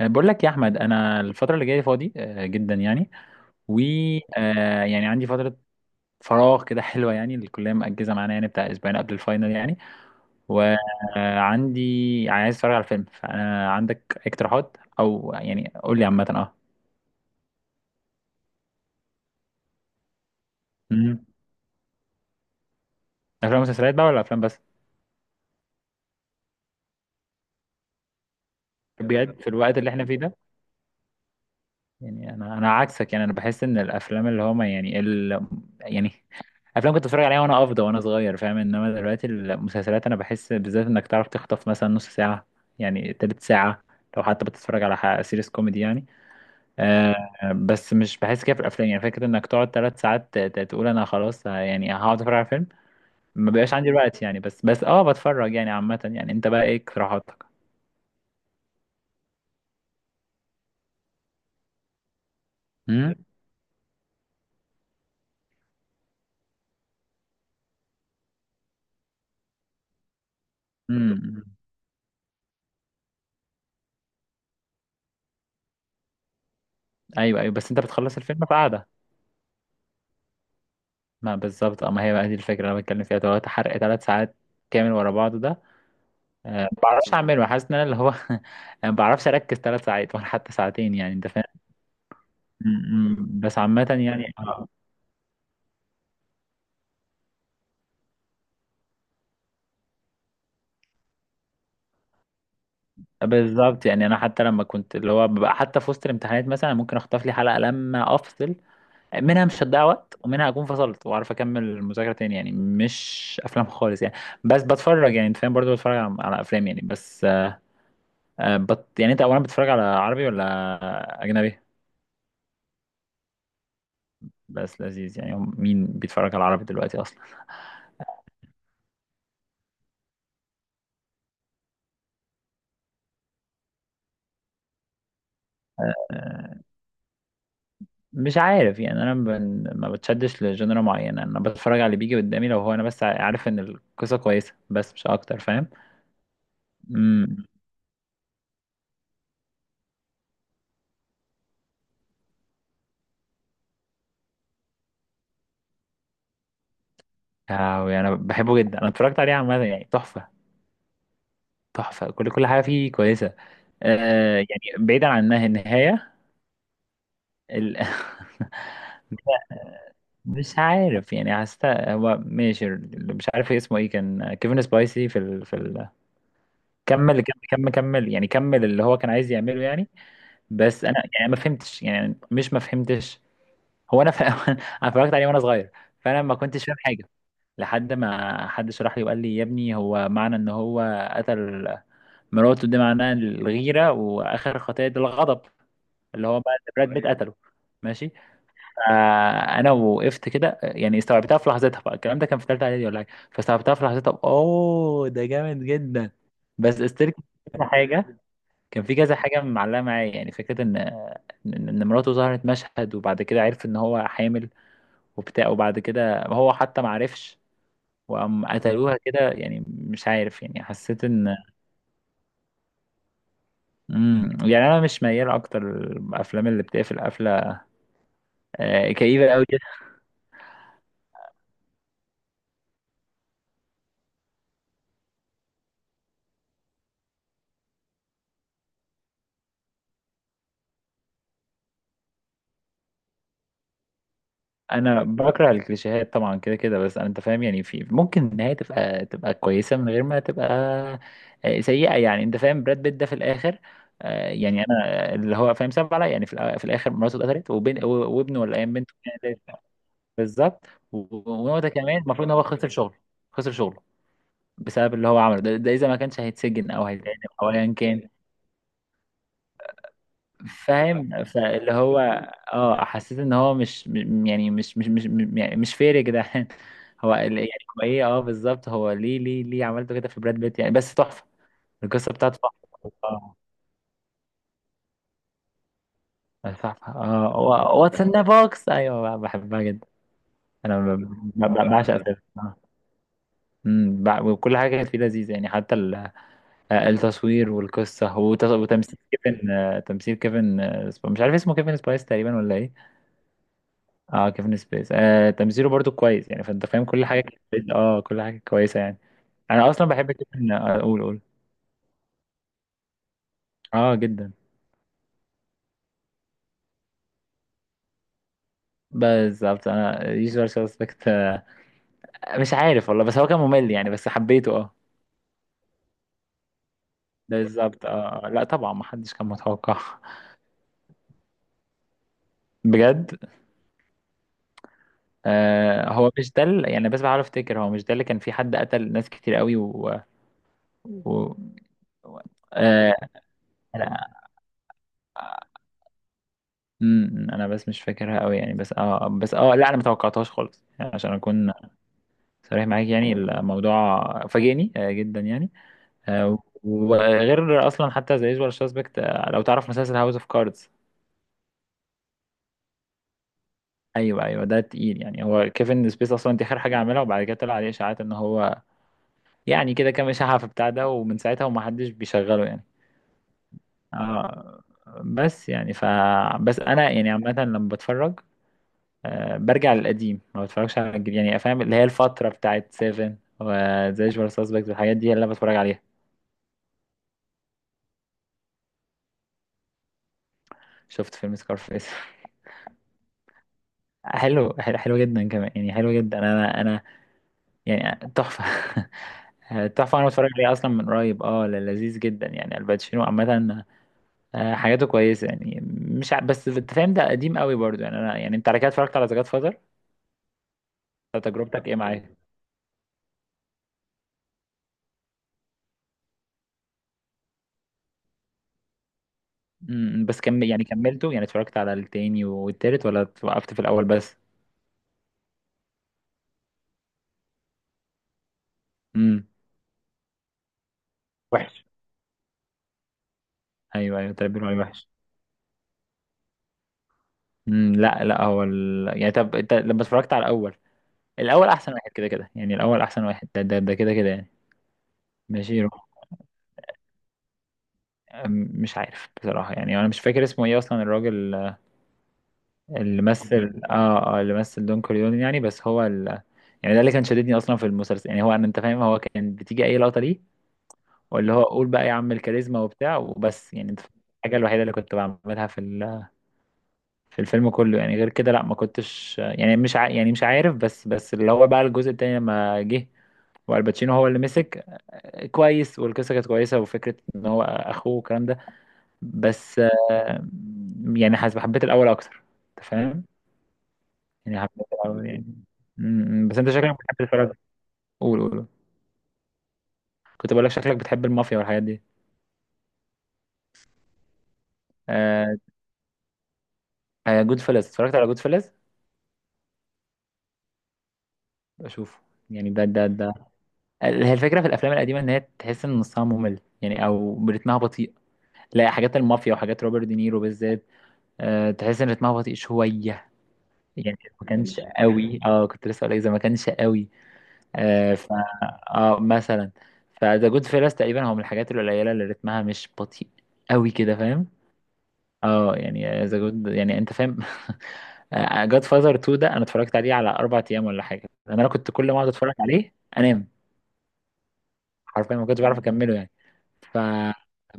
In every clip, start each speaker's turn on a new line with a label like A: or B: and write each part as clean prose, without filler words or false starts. A: بقول لك يا احمد، انا الفتره اللي جايه فاضي جدا يعني. و آه، يعني عندي فتره فراغ كده حلوه، يعني الكليه مأجزه معانا يعني بتاع اسبوعين قبل الفاينل يعني. وعندي عايز اتفرج على فيلم، فانا عندك اقتراحات، او يعني قول لي عامه مم. افلام ومسلسلات بقى، ولا افلام بس؟ بجد في الوقت اللي احنا فيه ده. يعني انا عكسك، يعني انا بحس ان الافلام اللي هما يعني يعني افلام كنت اتفرج عليها وانا افضى وانا صغير فاهم. انما دلوقتي المسلسلات، انا بحس بالذات انك تعرف تخطف مثلا نص ساعه، يعني تلت ساعه، لو حتى بتتفرج على سيريس كوميدي يعني. آه بس مش بحس كده في الافلام، يعني فكره انك تقعد ثلاث ساعات تقول انا خلاص، يعني هقعد اتفرج على فيلم. ما بيبقاش عندي الوقت يعني، بس اه بتفرج يعني عامه. يعني انت بقى ايه اقتراحاتك؟ امم أمم. ايوه ايوه، بس انت بتخلص الفيلم في قعده؟ ما بالظبط اه، ما هي بقى دي الفكرة اللي انا بتكلم فيها دلوقتي، حرق ثلاث ساعات كامل ورا بعض ده. ما بعرفش اعمله، حاسس ان انا اللي هو ما بعرفش اركز ثلاث ساعات ولا حتى ساعتين، يعني انت فاهم. بس عامة يعني. بالظبط، يعني انا حتى لما كنت اللي هو ببقى حتى في وسط الامتحانات، مثلا ممكن اخطف لي حلقة لما افصل، منها مش هتضيع وقت، ومنها اكون فصلت واعرف اكمل المذاكرة تاني يعني. مش افلام خالص يعني، بس بتفرج يعني انت فاهم برضه. بتفرج على افلام يعني بس. أه بت يعني انت اولا بتتفرج على عربي ولا اجنبي؟ بس لذيذ يعني، مين بيتفرج على العربي دلوقتي اصلا؟ آه، مش عارف يعني، انا ما بتشدش لجنرا معينه، انا بتفرج على اللي بيجي قدامي، لو هو انا بس عارف ان القصه كويسه بس مش اكتر فاهم. امم يعني انا بحبه جدا، انا اتفرجت عليه عامه يعني تحفه. تحفه، كل كل حاجه فيه كويسه. يعني بعيدا عن النهايه ال... مش عارف يعني، حسيت هو ماشي، اللي مش عارف اسمه ايه، كان كيفن سبايسي في في كمل كمل كمل كمل، يعني كمل اللي هو كان عايز يعمله يعني. بس انا يعني ما فهمتش، هو انا انا اتفرجت عليه وانا صغير، فانا ما كنتش فاهم حاجه لحد ما حد شرح لي وقال لي يا ابني، هو معنى ان هو قتل مراته ده معناه الغيره، واخر خطيه ده الغضب، اللي هو بقى براد بيت قتله. ماشي. فانا وقفت كده، يعني استوعبتها في لحظتها، بقى الكلام ده كان في ثالثه اعدادي ولا حاجه، فاستوعبتها في لحظتها، اوه ده جامد جدا، بس استرك حاجه. كان في كذا حاجة معلقة معايا، يعني فكرة إن مراته ظهرت مشهد وبعد كده عرف إن هو حامل وبتاع، وبعد كده هو حتى معرفش، وقام قتلوها كده، يعني مش عارف يعني حسيت إن. يعني أنا مش ميال أكتر الأفلام اللي بتقفل قفلة كئيبة أوي. انا بكره الكليشيهات طبعا كده كده، بس انت فاهم يعني، في ممكن النهايه تبقى كويسه من غير ما تبقى سيئه، يعني انت فاهم. براد بيت ده في الاخر، يعني انا اللي هو فاهم سبب عليا، يعني في الاخر مراته اتقتلت وابنه ولا ايام بنته كانت. بالظبط. ونقطه كمان، المفروض ان هو خسر شغله، خسر شغله بسبب اللي هو عمله ده, ده اذا ما كانش هيتسجن او هيتعدم، او ايا كان، فاهم. فاللي هو اه، حسيت ان هو مش م- يعني مش مش مش م- يعني مش فير يا جدعان يعني هو ايه، اه بالظبط، هو ليه ليه ليه عملته كده في براد بيت يعني؟ بس تحفه، القصه بتاعته تحفه اه. تحفه اه، واتس ان بوكس، ايوه بحبها جدا. انا بعشق الفيلم اه. وكل حاجه كانت فيه لذيذه يعني، حتى التصوير والقصه، وتمثيل كيفن، تمثيل كيفن، مش عارف اسمه، كيفن سبايس تقريبا ولا ايه. اه، كيفن سبيس تمثيله برضو كويس يعني، فانت فاهم كل حاجه كل حاجه كويسه يعني. انا اصلا بحب كيفن آه، اقول اقول اه جدا. بالظبط انا يوزوال سسبكت. مش عارف والله، بس هو كان ممل يعني، بس حبيته اه. بالظبط اه لا طبعا، ما حدش كان متوقع بجد. هو مش ده يعني، بس بحاول افتكر، هو مش ده اللي كان في حد قتل ناس كتير قوي و, و... و... آه انا انا بس مش فاكرها قوي يعني، بس اه بس اه لا، انا ما توقعتهاش خالص، يعني عشان اكون صريح معاك، يعني الموضوع فاجئني جدا يعني. آه، وغير اصلا، حتى زي يوجوال سسبكت، لو تعرف مسلسل هاوس اوف كاردز. ايوه ده تقيل يعني. هو كيفن سبيس اصلا، دي اخر حاجه عملها، وبعد كده طلع عليه اشاعات ان هو يعني كده كام اشاعه في بتاع ده، ومن ساعتها ومحدش بيشغله يعني. آه بس يعني بس انا يعني عامه لما بتفرج برجع للقديم، ما بتفرجش على الجديد، يعني فاهم اللي هي الفتره بتاعت سيفن وزي يوجوال سسبكت والحاجات دي، اللي انا بتفرج عليها. شفت فيلم سكارفيس. حلو حلو حلو جدا كمان يعني، حلو جدا. انا يعني تحفه تحفه، انا بتفرج عليه اصلا من قريب اه، لذيذ جدا يعني. الباتشينو عامه، حاجاته كويسه يعني. مش ع... بس انت فاهم، ده قديم قوي برضو يعني. انا يعني انت على كده اتفرجت على ذا جاد فاذر، تجربتك ايه معاه؟ بس كم يعني كملته يعني، اتفرجت على التاني والتالت ولا وقفت في الاول بس؟ امم وحش. ايوه ايوه، تربي الوعي وحش. لا لا، هو يعني، طب انت لما اتفرجت على الاول، الاول احسن واحد كده كده، يعني الاول احسن واحد، ده كده كده يعني. ماشي أم- مش عارف بصراحة، يعني أنا مش فاكر اسمه إيه أصلا الراجل، اللي مثل اللي مثل دون كوريون يعني، بس هو يعني ده اللي كان شددني أصلا في المسلسل، يعني هو أنا أنت فاهم، هو كان بتيجي أي لقطة ليه، واللي هو قول بقى يا عم الكاريزما وبتاع وبس، يعني أنت فاهم؟ الحاجة الوحيدة اللي كنت بعملها في في الفيلم كله يعني، غير كده لا ما كنتش يعني مش ع... يعني مش عارف، بس اللي هو بقى الجزء التاني لما جه والباتشينو هو اللي مسك كويس، والقصة كانت كويسة، وفكرة إن هو أخوه والكلام ده، بس يعني حاسس حبيت الاول اكتر، انت فاهم، يعني حبيت الاول يعني. م- م. بس انت شكلك بتحب تتفرج، قول قول قول. كنت بقول لك شكلك بتحب المافيا والحاجات دي. آه جود فيلز، اتفرجت على جود فيلز؟ بشوفه يعني، ده هي الفكره في الافلام القديمه، ان هي تحس ان نصها ممل يعني، او رتمها بطيء. لا، حاجات المافيا وحاجات روبرت دينيرو بالذات تحس ان رتمها بطيء شويه يعني. ما كانش قوي، اه كنت لسه اقول لك، إذا ما كانش قوي آه، ف اه مثلا، فذا جود فيلس تقريبا هو من الحاجات القليله اللي رتمها مش بطيء قوي كده فاهم. اه يعني ذا جود، يعني انت فاهم جاد فازر 2 ده انا اتفرجت عليه على اربع ايام ولا حاجه، لأن انا كنت كل ما اقعد اتفرج عليه انام، حرفيا ما كنتش بعرف اكمله يعني. ف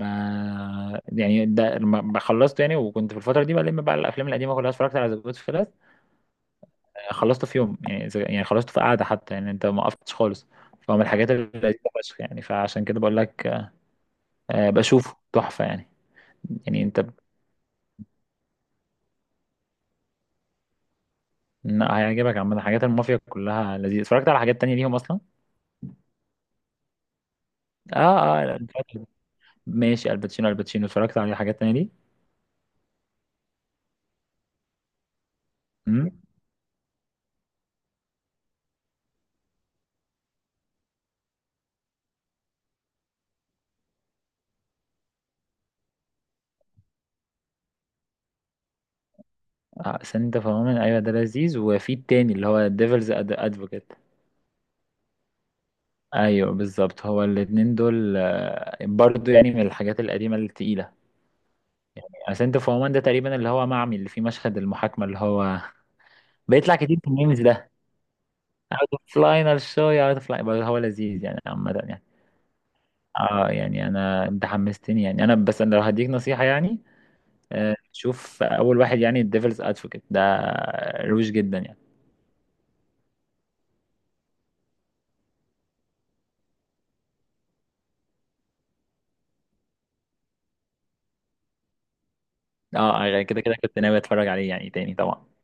A: ما يعني ده، لما خلصته يعني، وكنت في الفتره دي بلم بقى الافلام القديمه كلها، اتفرجت على ذا جود، خلصته في يوم، يعني يعني خلصته في قعده حتى، يعني انت ما وقفتش خالص. فهو من الحاجات اللذيذه فشخ يعني، فعشان كده بقول لك بشوفه تحفه يعني. يعني انت ب- لا، هيعجبك عامه، حاجات المافيا كلها لذيذه، اتفرجت على حاجات تانية ليهم اصلا. لا، ماشي الباتشينو، الباتشينو اتفرجت على حاجات تانية ليه. امم آه سنت فهمان، ايوه ده لذيذ، وفي التاني اللي هو ديفلز ادفوكيت. ايوه بالظبط، هو الاتنين دول برضو يعني من الحاجات القديمه التقيله. سنت اوف وومن ده تقريبا اللي هو معمي، اللي فيه مشهد المحاكمة اللي هو بيطلع كتير في الميمز ده. اوت اوف لاينر شو، يا اوت اوف لاينر، هو لذيذ يعني عامة يعني. اه يعني انا، انت حمستني يعني، انا بس انا لو هديك نصيحة يعني شوف اول واحد، يعني الديفلز ادفوكيت ده، روش جدا يعني. اه يعني كده كده كنت ناوي اتفرج عليه يعني تاني طبعا.